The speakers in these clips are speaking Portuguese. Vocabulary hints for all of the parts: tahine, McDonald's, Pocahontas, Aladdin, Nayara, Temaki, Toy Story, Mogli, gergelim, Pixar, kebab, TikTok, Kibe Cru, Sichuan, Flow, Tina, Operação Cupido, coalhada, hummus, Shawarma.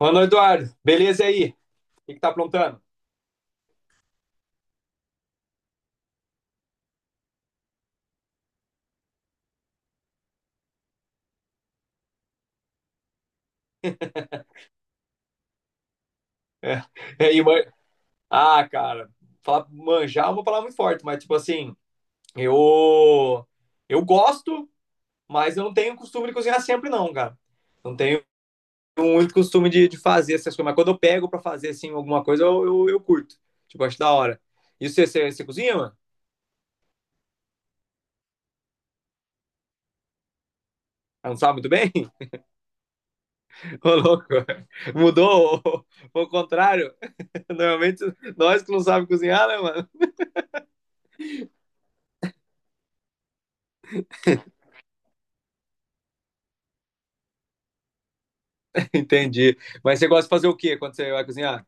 Mano Eduardo, beleza aí? O que que tá aprontando? É, e aí, ah, cara, falar manjar é uma palavra muito forte, mas tipo assim, eu eu gosto, mas eu não tenho costume de cozinhar sempre não, cara. Não tenho muito costume de fazer essas coisas, mas quando eu pego pra fazer assim alguma coisa, eu curto. Tipo, acho da hora. E você cozinha, mano? Ah, não sabe muito bem? Ô, louco. Mudou o contrário. Normalmente nós que não sabemos cozinhar, né, mano? Entendi. Mas você gosta de fazer o quê quando você vai cozinhar?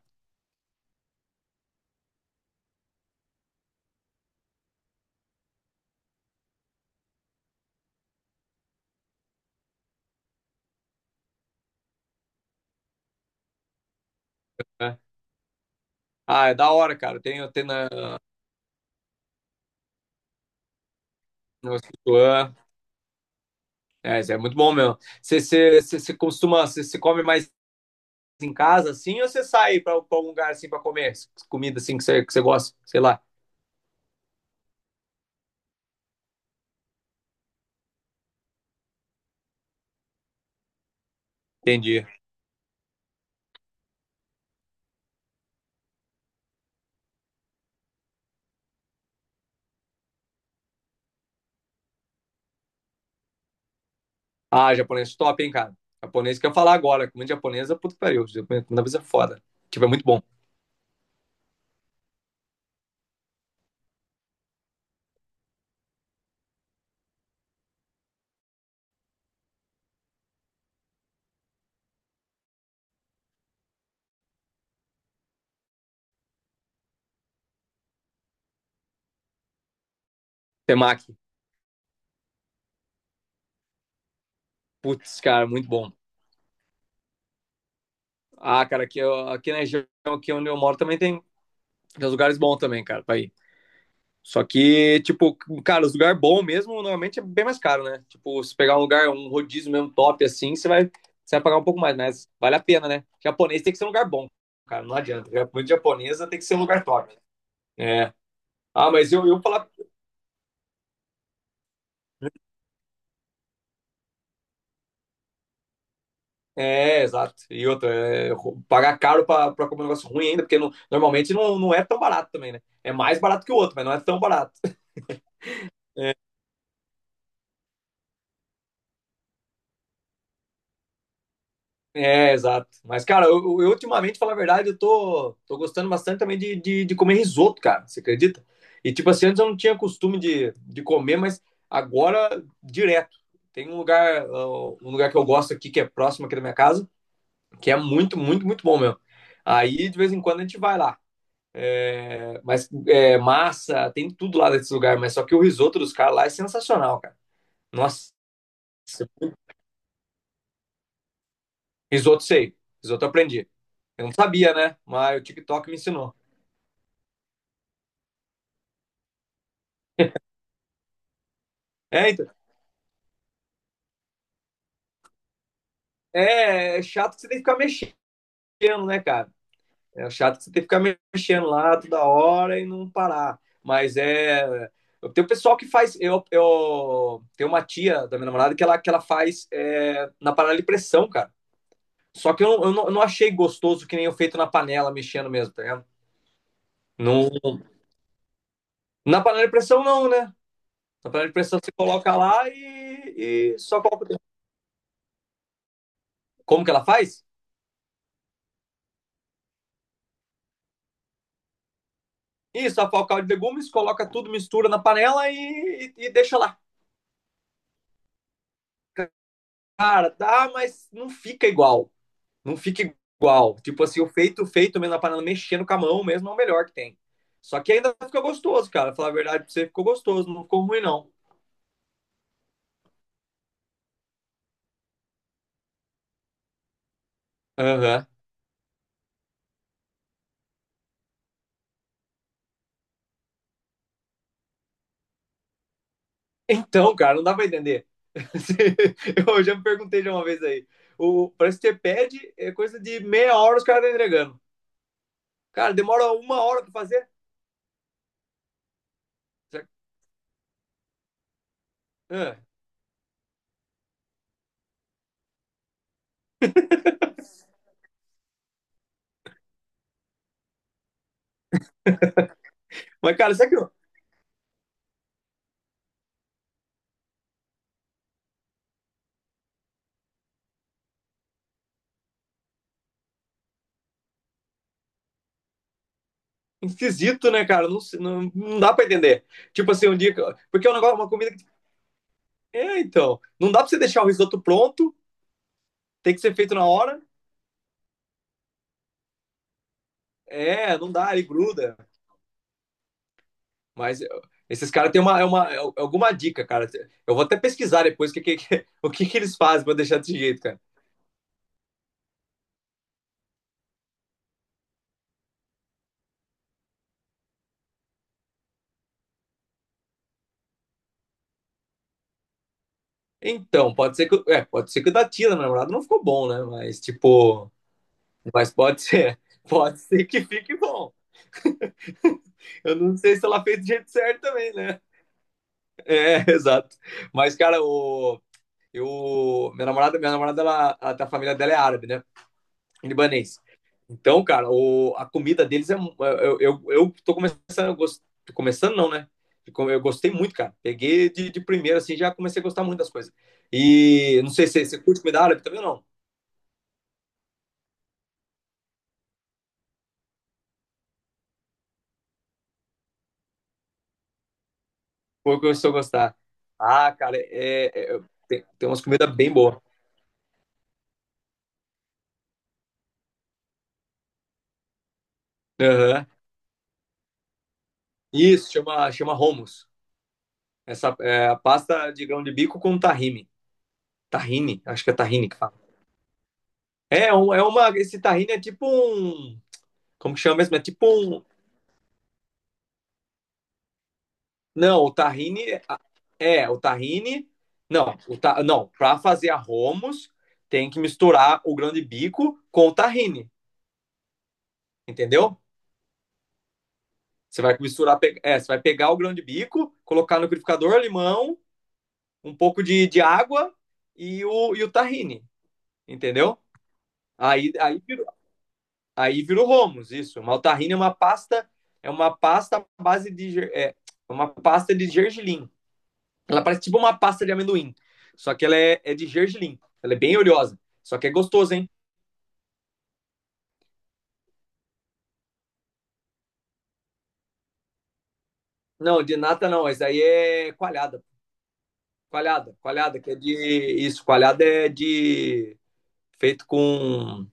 É. Ah, é da hora, cara. Tem no Sichuan. É, isso é muito bom mesmo. Você costuma, você come mais em casa, assim, ou você sai para algum lugar, assim, para comer comida, assim, que você gosta? Sei lá. Entendi. Ah, japonês top, hein, cara. Japonês que eu ia falar agora. Comida japonesa, puta que pariu. Comida vez é foda. Tipo, é muito bom. Temaki. Putz, cara, muito bom. Ah, cara, aqui, aqui na região aqui onde eu moro também tem, uns lugares bons também, cara, pra ir. Só que, tipo, cara, os lugar bom mesmo, normalmente é bem mais caro, né? Tipo, se pegar um lugar, um rodízio mesmo top assim, você vai pagar um pouco mais, mas vale a pena, né? Japonês tem que ser um lugar bom, cara, não adianta. Comida japonesa tem que ser um lugar top. É. Ah, mas eu falar. É, exato. E outra, é, pagar caro pra comer um negócio ruim ainda, porque normalmente não, não é tão barato também, né? É mais barato que o outro, mas não é tão barato. É, exato. Mas, cara, eu ultimamente, falar a verdade, eu tô gostando bastante também de comer risoto, cara. Você acredita? E, tipo assim, antes eu não tinha costume de comer, mas agora, direto. Tem um lugar que eu gosto aqui, que é próximo aqui da minha casa, que é muito, muito, muito bom mesmo. Aí, de vez em quando, a gente vai lá. É, mas é, massa, tem tudo lá nesse lugar, mas só que o risoto dos caras lá é sensacional, cara. Nossa, risoto sei. Risoto eu aprendi. Eu não sabia, né? Mas o TikTok me ensinou. É, então, é, é chato que você tem que ficar mexendo, né, cara? É chato que você tem que ficar mexendo lá toda hora e não parar. Mas é. Tem o pessoal que faz. Eu tenho uma tia da minha namorada que ela faz na panela de pressão, cara. Só que não, eu não achei gostoso que nem eu feito na panela, mexendo mesmo, tá vendo? Não, na panela de pressão, não, né? Na panela de pressão você coloca lá e só coloca. Como que ela faz? Isso, a o de legumes, coloca tudo, mistura na panela e deixa lá. Cara, dá, mas não fica igual. Não fica igual. Tipo assim, o feito, feito mesmo, a panela mexendo com a mão mesmo é o melhor que tem. Só que ainda fica gostoso, cara. Falar a verdade pra você, ficou gostoso, não ficou ruim, não. Aham. Então, cara, não dá pra entender. Eu já me perguntei de uma vez aí. O, parece que você pede, é coisa de meia hora os caras estão entregando. Cara, demora uma hora pra fazer. Será que... Ah. Mas, cara, será que não... esquisito, né, cara? Não, sei... não, não dá pra entender. Tipo assim, um dia. Que eu... porque é um negócio, uma comida. É, então. Não dá pra você deixar o risoto pronto, tem que ser feito na hora. É, não dá, ele gruda. Mas eu... esses caras têm uma, é alguma dica, cara. Eu vou até pesquisar depois o o que, que eles fazem pra deixar desse jeito, cara. Então, pode ser que, é, pode ser que o da Tina, minha namorada, não ficou bom, né? Mas, tipo, mas pode ser, pode ser que fique bom. Eu não sei se ela fez do jeito certo também, né? É, exato. Mas, cara, o, eu, minha namorada, ela, a família dela é árabe, né? Libanês. Então, cara, o, a comida deles é. Eu tô começando, tô começando não, né? Eu gostei muito, cara. Peguei de primeira, assim, já comecei a gostar muito das coisas. E não sei se você curte comida árabe também ou não. Ou começou a gostar. Ah, cara, tem, umas comidas bem boas. Aham. Isso, chama hummus. Essa é a pasta de grão de bico com tahine. Tahine, acho que é tahine que fala. É, um... é uma. Esse tahine é tipo um. Como que chama mesmo? É tipo um, não, o tahine é o tahine. Não, não, para fazer a hummus tem que misturar o grão de bico com o tahine, entendeu? Você vai misturar, é, você vai pegar o grão de bico, colocar no liquidificador, limão, um pouco de água e o tahine, entendeu? Aí aí virou romos isso. Mas o tahine é uma pasta à base de é, é uma pasta de gergelim. Ela parece tipo uma pasta de amendoim. Só que ela é de gergelim. Ela é bem oleosa. Só que é gostoso, hein? Não, de nata não. Essa aí é coalhada. Coalhada, que é de. Isso, coalhada é de. Feito com.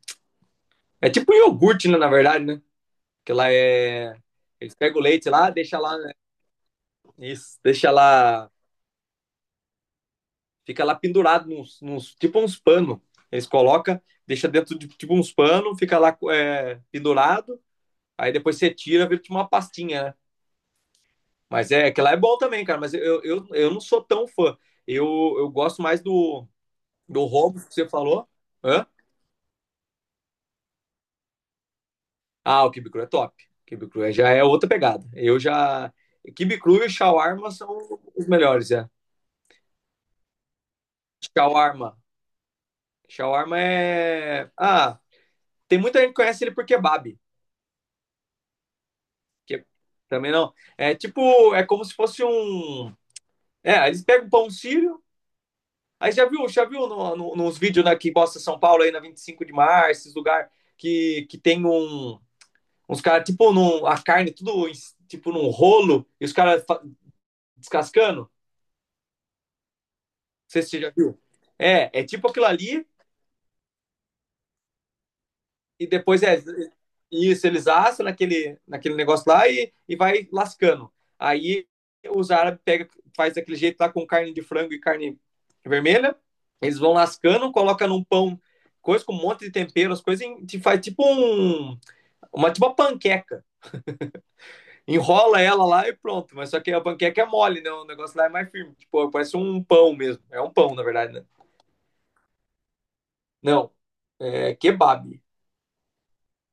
É tipo um iogurte, né, na verdade, né? Que ela é. Eles pegam o leite lá, deixa lá, né? Isso, deixa lá. Fica lá pendurado nos tipo uns panos. Eles colocam, deixa dentro de tipo uns panos, fica lá é, pendurado. Aí depois você tira, vira tipo uma pastinha, né? Mas é que lá é bom também, cara. Mas eu não sou tão fã. Eu, eu gosto mais do Romo que você falou. Hã? Ah, o Kibe Cru é top. Kibe Cru é... já é outra pegada. Eu já. Kibe Cru e Shawarma são os melhores, é. Shawarma. Shawarma é. Ah, tem muita gente que conhece ele por kebab. Que... também não. É tipo, é como se fosse um. É, eles pegam pão sírio. Aí já viu no, no, nos vídeos né, que mostra São Paulo aí na 25 de março, esses lugar que tem um, uns caras, tipo, num, a carne tudo tipo num rolo e os caras descascando? Não sei se você já viu. É, é tipo aquilo ali, e depois é isso, eles assam naquele negócio lá e vai lascando. Aí os árabes pega, faz daquele jeito lá com carne de frango e carne vermelha, eles vão lascando, coloca num pão coisa com um monte de tempero, as coisas e faz tipo um uma tipo uma panqueca. Enrola ela lá e pronto, mas só que a panqueca é mole, né? O negócio lá é mais firme, tipo, parece um pão mesmo. É um pão, na verdade, né? Não. É kebab.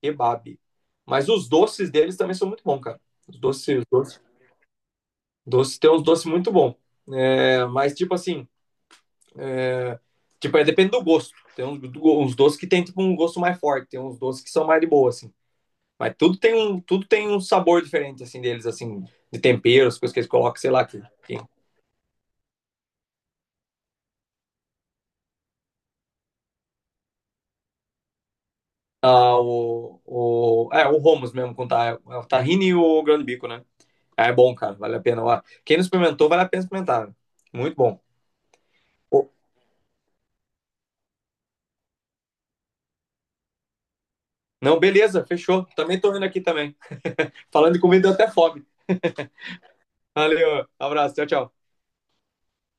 Kebab. Mas os doces deles também são muito bons, cara. Os doces, doces tem uns doces muito bons. É, mas, tipo assim, tipo, é, depende do gosto. Tem uns, uns doces que tem tipo, um gosto mais forte, tem uns doces que são mais de boa, assim. Mas tudo tem um sabor diferente, assim, deles, assim, de temperos, coisas que eles colocam, sei lá, que ah, é, o Romos mesmo, com é o tahine e o grande bico, né? Ah, é bom, cara, vale a pena. Ó, quem não experimentou, vale a pena experimentar. Né? Muito bom. O... não, beleza, fechou. Também tô indo aqui também. Falando de comida, deu até fome. Valeu, abraço, tchau, tchau.